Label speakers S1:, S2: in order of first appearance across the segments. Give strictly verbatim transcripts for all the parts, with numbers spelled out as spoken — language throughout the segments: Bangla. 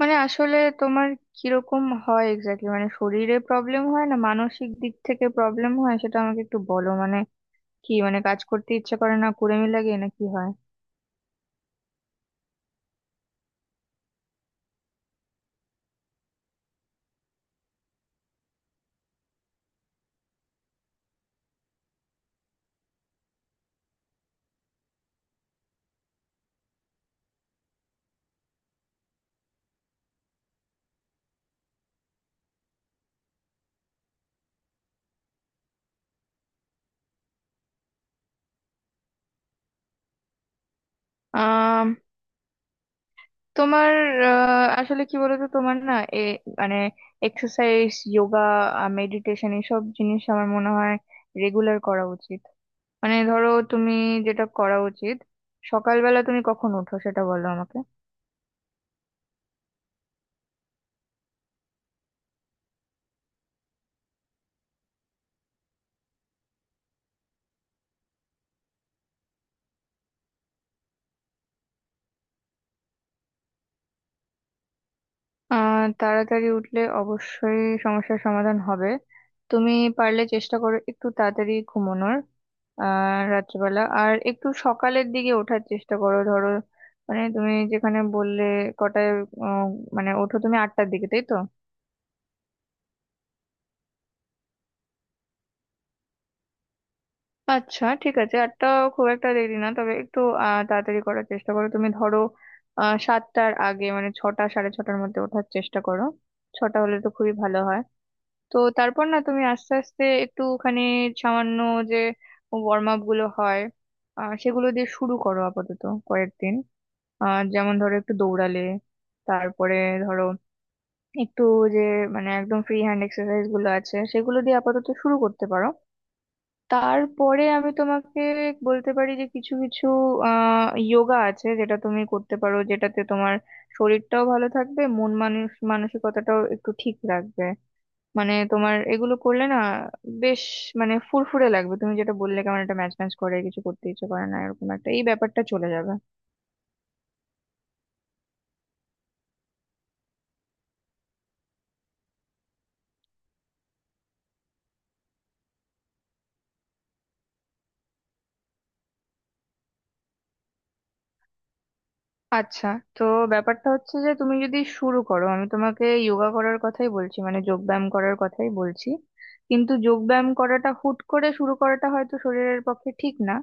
S1: মানে আসলে তোমার কিরকম হয় এক্স্যাক্টলি, মানে শরীরে প্রবলেম হয় না মানসিক দিক থেকে প্রবলেম হয় সেটা আমাকে একটু বলো। মানে কি, মানে কাজ করতে ইচ্ছে করে না, কুড়েমি লাগে, না কি হয়? আম, তোমার, আহ, আসলে কি বলতো তোমার না এ মানে এক্সারসাইজ, যোগা, মেডিটেশন এসব জিনিস আমার মনে হয় রেগুলার করা উচিত। মানে ধরো তুমি যেটা করা উচিত, সকালবেলা তুমি কখন ওঠো সেটা বলো আমাকে। আহ তাড়াতাড়ি উঠলে অবশ্যই সমস্যার সমাধান হবে। তুমি পারলে চেষ্টা করো একটু তাড়াতাড়ি ঘুমানোর, আহ রাত্রিবেলা, আর একটু সকালের দিকে ওঠার চেষ্টা করো। ধরো, মানে তুমি যেখানে বললে কটায়, উম, মানে ওঠো তুমি আটটার দিকে, তাই তো? আচ্ছা, ঠিক আছে, আটটা খুব একটা দেরি না, তবে একটু আহ তাড়াতাড়ি করার চেষ্টা করো। তুমি ধরো আহ সাতটার আগে, মানে ছটা সাড়ে ছটার মধ্যে ওঠার চেষ্টা করো। ছটা হলে তো খুবই ভালো হয়। তো তারপর না, তুমি আস্তে আস্তে একটুখানি সামান্য যে ওয়ার্ম আপ গুলো হয় আহ, সেগুলো দিয়ে শুরু করো আপাতত কয়েকদিন। আহ, যেমন ধরো একটু দৌড়ালে, তারপরে ধরো একটু যে মানে একদম ফ্রি হ্যান্ড এক্সারসাইজ গুলো আছে সেগুলো দিয়ে আপাতত শুরু করতে পারো। তারপরে আমি তোমাকে বলতে পারি যে কিছু কিছু আহ যোগা আছে যেটা তুমি করতে পারো, যেটাতে তোমার শরীরটাও ভালো থাকবে, মন মানুষ মানসিকতাটাও একটু ঠিক রাখবে। মানে তোমার এগুলো করলে না বেশ মানে ফুরফুরে লাগবে। তুমি যেটা বললে কেমন একটা ম্যাচ ম্যাচ করে, কিছু করতে ইচ্ছে করে না, এরকম একটা এই ব্যাপারটা চলে যাবে। আচ্ছা, তো ব্যাপারটা হচ্ছে যে তুমি যদি শুরু করো, আমি তোমাকে যোগা করার কথাই বলছি, মানে যোগ ব্যায়াম করার কথাই বলছি। কিন্তু যোগ ব্যায়াম করাটা হুট করে শুরু করাটা হয়তো শরীরের পক্ষে ঠিক না।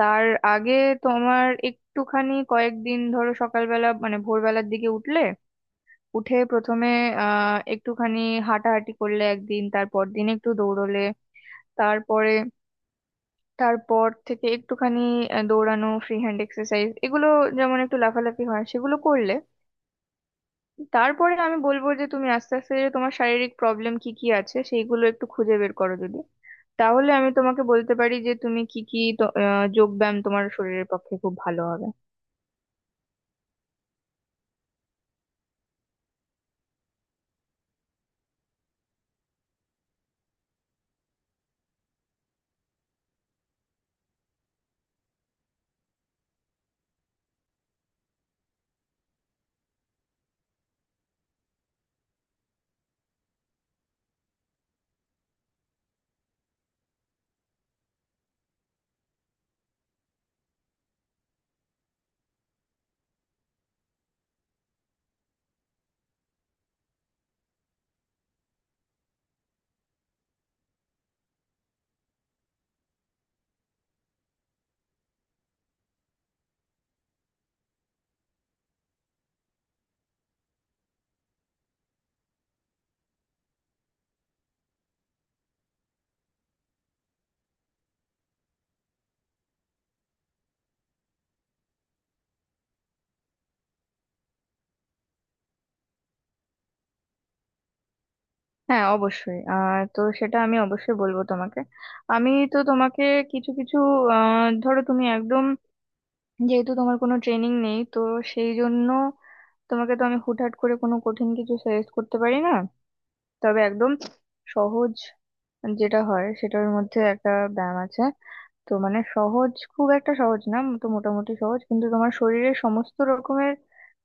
S1: তার আগে তোমার একটুখানি কয়েকদিন ধরো সকালবেলা, মানে ভোরবেলার দিকে উঠলে, উঠে প্রথমে আহ একটুখানি হাঁটাহাঁটি করলে একদিন, তারপর দিন একটু দৌড়লে, তারপরে তারপর থেকে একটুখানি আহ, দৌড়ানো, ফ্রি হ্যান্ড এক্সারসাইজ এগুলো, যেমন একটু লাফালাফি হয় সেগুলো করলে, তারপরে আমি বলবো যে তুমি আস্তে আস্তে যে তোমার শারীরিক প্রবলেম কি কি আছে সেইগুলো একটু খুঁজে বের করো যদি, তাহলে আমি তোমাকে বলতে পারি যে তুমি কি কি তো- আহ, যোগ ব্যায়াম তোমার শরীরের পক্ষে খুব ভালো হবে। হ্যাঁ, অবশ্যই, আর তো সেটা আমি অবশ্যই বলবো তোমাকে। আমি তো তোমাকে কিছু কিছু আহ, ধরো, তুমি একদম, যেহেতু তোমার কোনো ট্রেনিং নেই, তো সেই জন্য তোমাকে তো আমি হুটহাট করে কোনো কঠিন কিছু সাজেস্ট করতে পারি না। তবে একদম সহজ যেটা হয় সেটার মধ্যে একটা ব্যায়াম আছে। তো মানে সহজ, খুব একটা সহজ না, তো মোটামুটি সহজ, কিন্তু তোমার শরীরের সমস্ত রকমের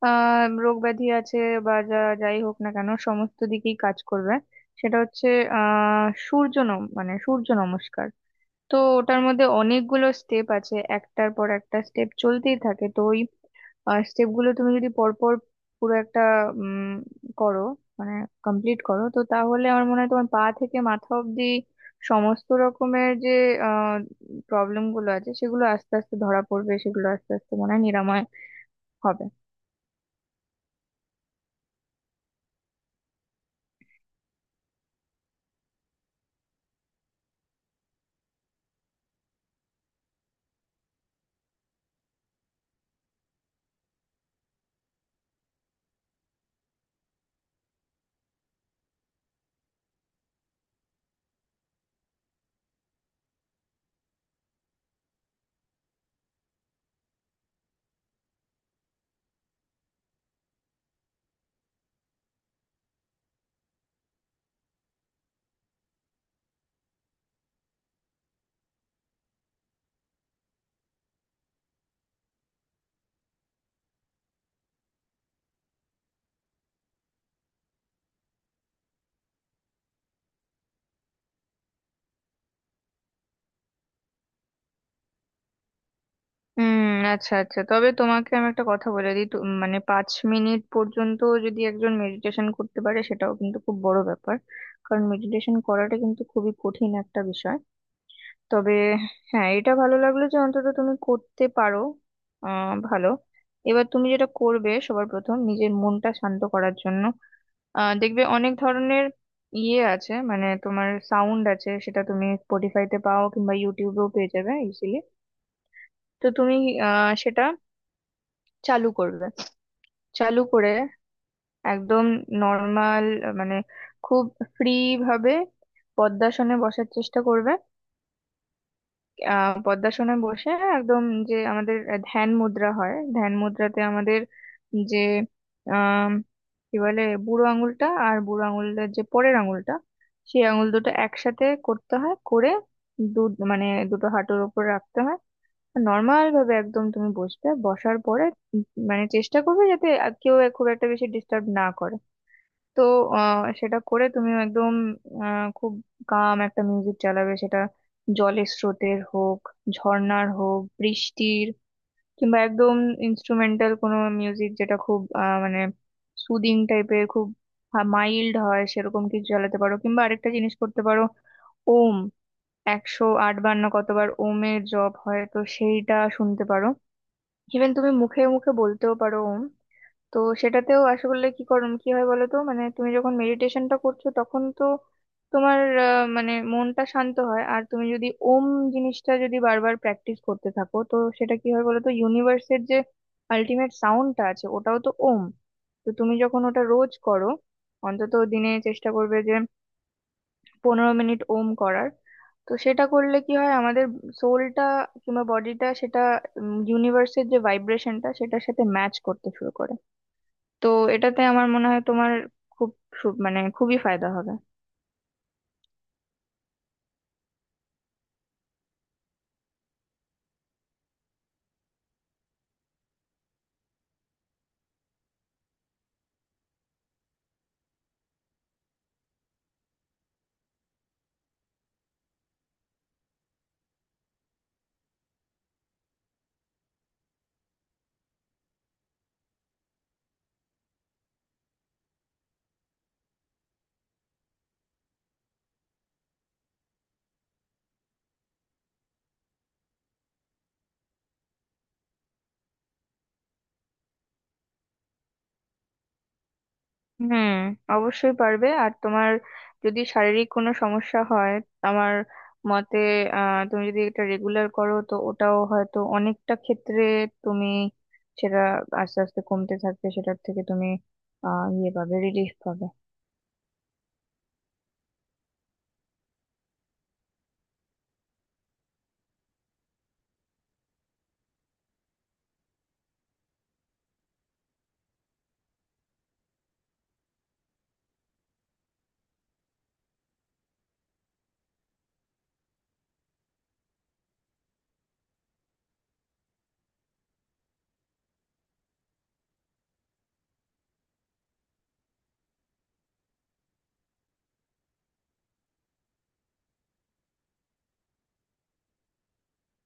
S1: আহ রোগ ব্যাধি আছে বা যা যাই হোক না কেন সমস্ত দিকেই কাজ করবে। সেটা হচ্ছে আহ সূর্য নম মানে সূর্য নমস্কার। তো ওটার মধ্যে অনেকগুলো স্টেপ আছে, একটার পর একটা স্টেপ চলতেই থাকে, তো ওই স্টেপ গুলো তুমি যদি পরপর পুরো একটা উম করো, মানে কমপ্লিট করো, তো তাহলে আমার মনে হয় তোমার পা থেকে মাথা অব্দি সমস্ত রকমের যে আহ প্রবলেম গুলো আছে সেগুলো আস্তে আস্তে ধরা পড়বে, সেগুলো আস্তে আস্তে মনে হয় নিরাময় হবে। হুম, আচ্ছা আচ্ছা, তবে তোমাকে আমি একটা কথা বলে দিই, তু- মানে পাঁচ মিনিট পর্যন্ত যদি একজন মেডিটেশন করতে পারে সেটাও কিন্তু খুব বড় ব্যাপার, কারণ মেডিটেশন করাটা কিন্তু খুবই কঠিন একটা বিষয়। তবে হ্যাঁ, এটা ভালো লাগলো যে অন্তত তুমি করতে পারো। আহ ভালো। এবার তুমি যেটা করবে, সবার প্রথম নিজের মনটা শান্ত করার জন্য আহ দেখবে অনেক ধরনের ইয়ে আছে, মানে তোমার সাউন্ড আছে, সেটা তুমি স্পটিফাইতে পাও কিংবা ইউটিউবেও পেয়ে যাবে ইজিলি। তো তুমি আহ সেটা চালু করবে। চালু করে একদম নর্মাল, মানে খুব ফ্রি ভাবে পদ্মাসনে বসার চেষ্টা করবে। আহ পদ্মাসনে বসে একদম যে আমাদের ধ্যান মুদ্রা হয়, ধ্যান মুদ্রাতে আমাদের যে আহ কি বলে, বুড়ো আঙুলটা আর বুড়ো আঙুলের যে পরের আঙুলটা, সেই আঙুল দুটো একসাথে করতে হয় করে, দু মানে দুটো হাঁটুর উপর রাখতে হয়। নর্মাল ভাবে একদম তুমি বসবে। বসার পরে উম মানে চেষ্টা করবে যাতে আর কেউ এক- খুব একটা বেশি ডিস্টার্ব না করে। তো আহ, সেটা করে তুমি একদম আহ, খুব কাম একটা মিউজিক চালাবে, সেটা জলের স্রোতের হোক, ঝর্ণার হোক, বৃষ্টির কিংবা একদম ইনস্ট্রুমেন্টাল কোনো মিউজিক, যেটা খুব আহ, মানে সুদিং টাইপের, খুব মাইল্ড হয় সেরকম কিছু চালাতে পারো। কিংবা আরেকটা জিনিস করতে পারো, ওম একশো আট বার, না কতবার ওমের জপ হয়, তো সেইটা শুনতে পারো। ইভেন তুমি মুখে মুখে বলতেও পারো ওম। তো সেটাতেও আসলে কি করুম কি হয় বলো তো, মানে তুমি যখন মেডিটেশনটা করছো তখন তো তোমার আহ, মানে মনটা শান্ত হয়। আর তুমি যদি ওম জিনিসটা যদি বারবার প্র্যাকটিস করতে থাকো, তো সেটা কি হয় বলো তো, ইউনিভার্সের যে আলটিমেট সাউন্ডটা আছে ওটাও তো ওম। তো তুমি যখন ওটা রোজ করো, অন্তত দিনে চেষ্টা করবে যে পনেরো মিনিট ওম করার, তো সেটা করলে কি হয়, আমাদের সোলটা কিংবা বডিটা সেটা ইউনিভার্সের যে ভাইব্রেশনটা সেটার সাথে ম্যাচ করতে শুরু করে। তো এটাতে আমার মনে হয় তোমার খুব সু- মানে খুবই ফায়দা হবে। হুম, অবশ্যই পারবে। আর তোমার যদি শারীরিক কোনো সমস্যা হয়, আমার মতে আহ তুমি যদি এটা রেগুলার করো, তো ওটাও হয়তো অনেকটা ক্ষেত্রে তুমি সেটা আস্তে আস্তে কমতে থাকবে, সেটার থেকে তুমি আহ ইয়ে পাবে, রিলিফ পাবে।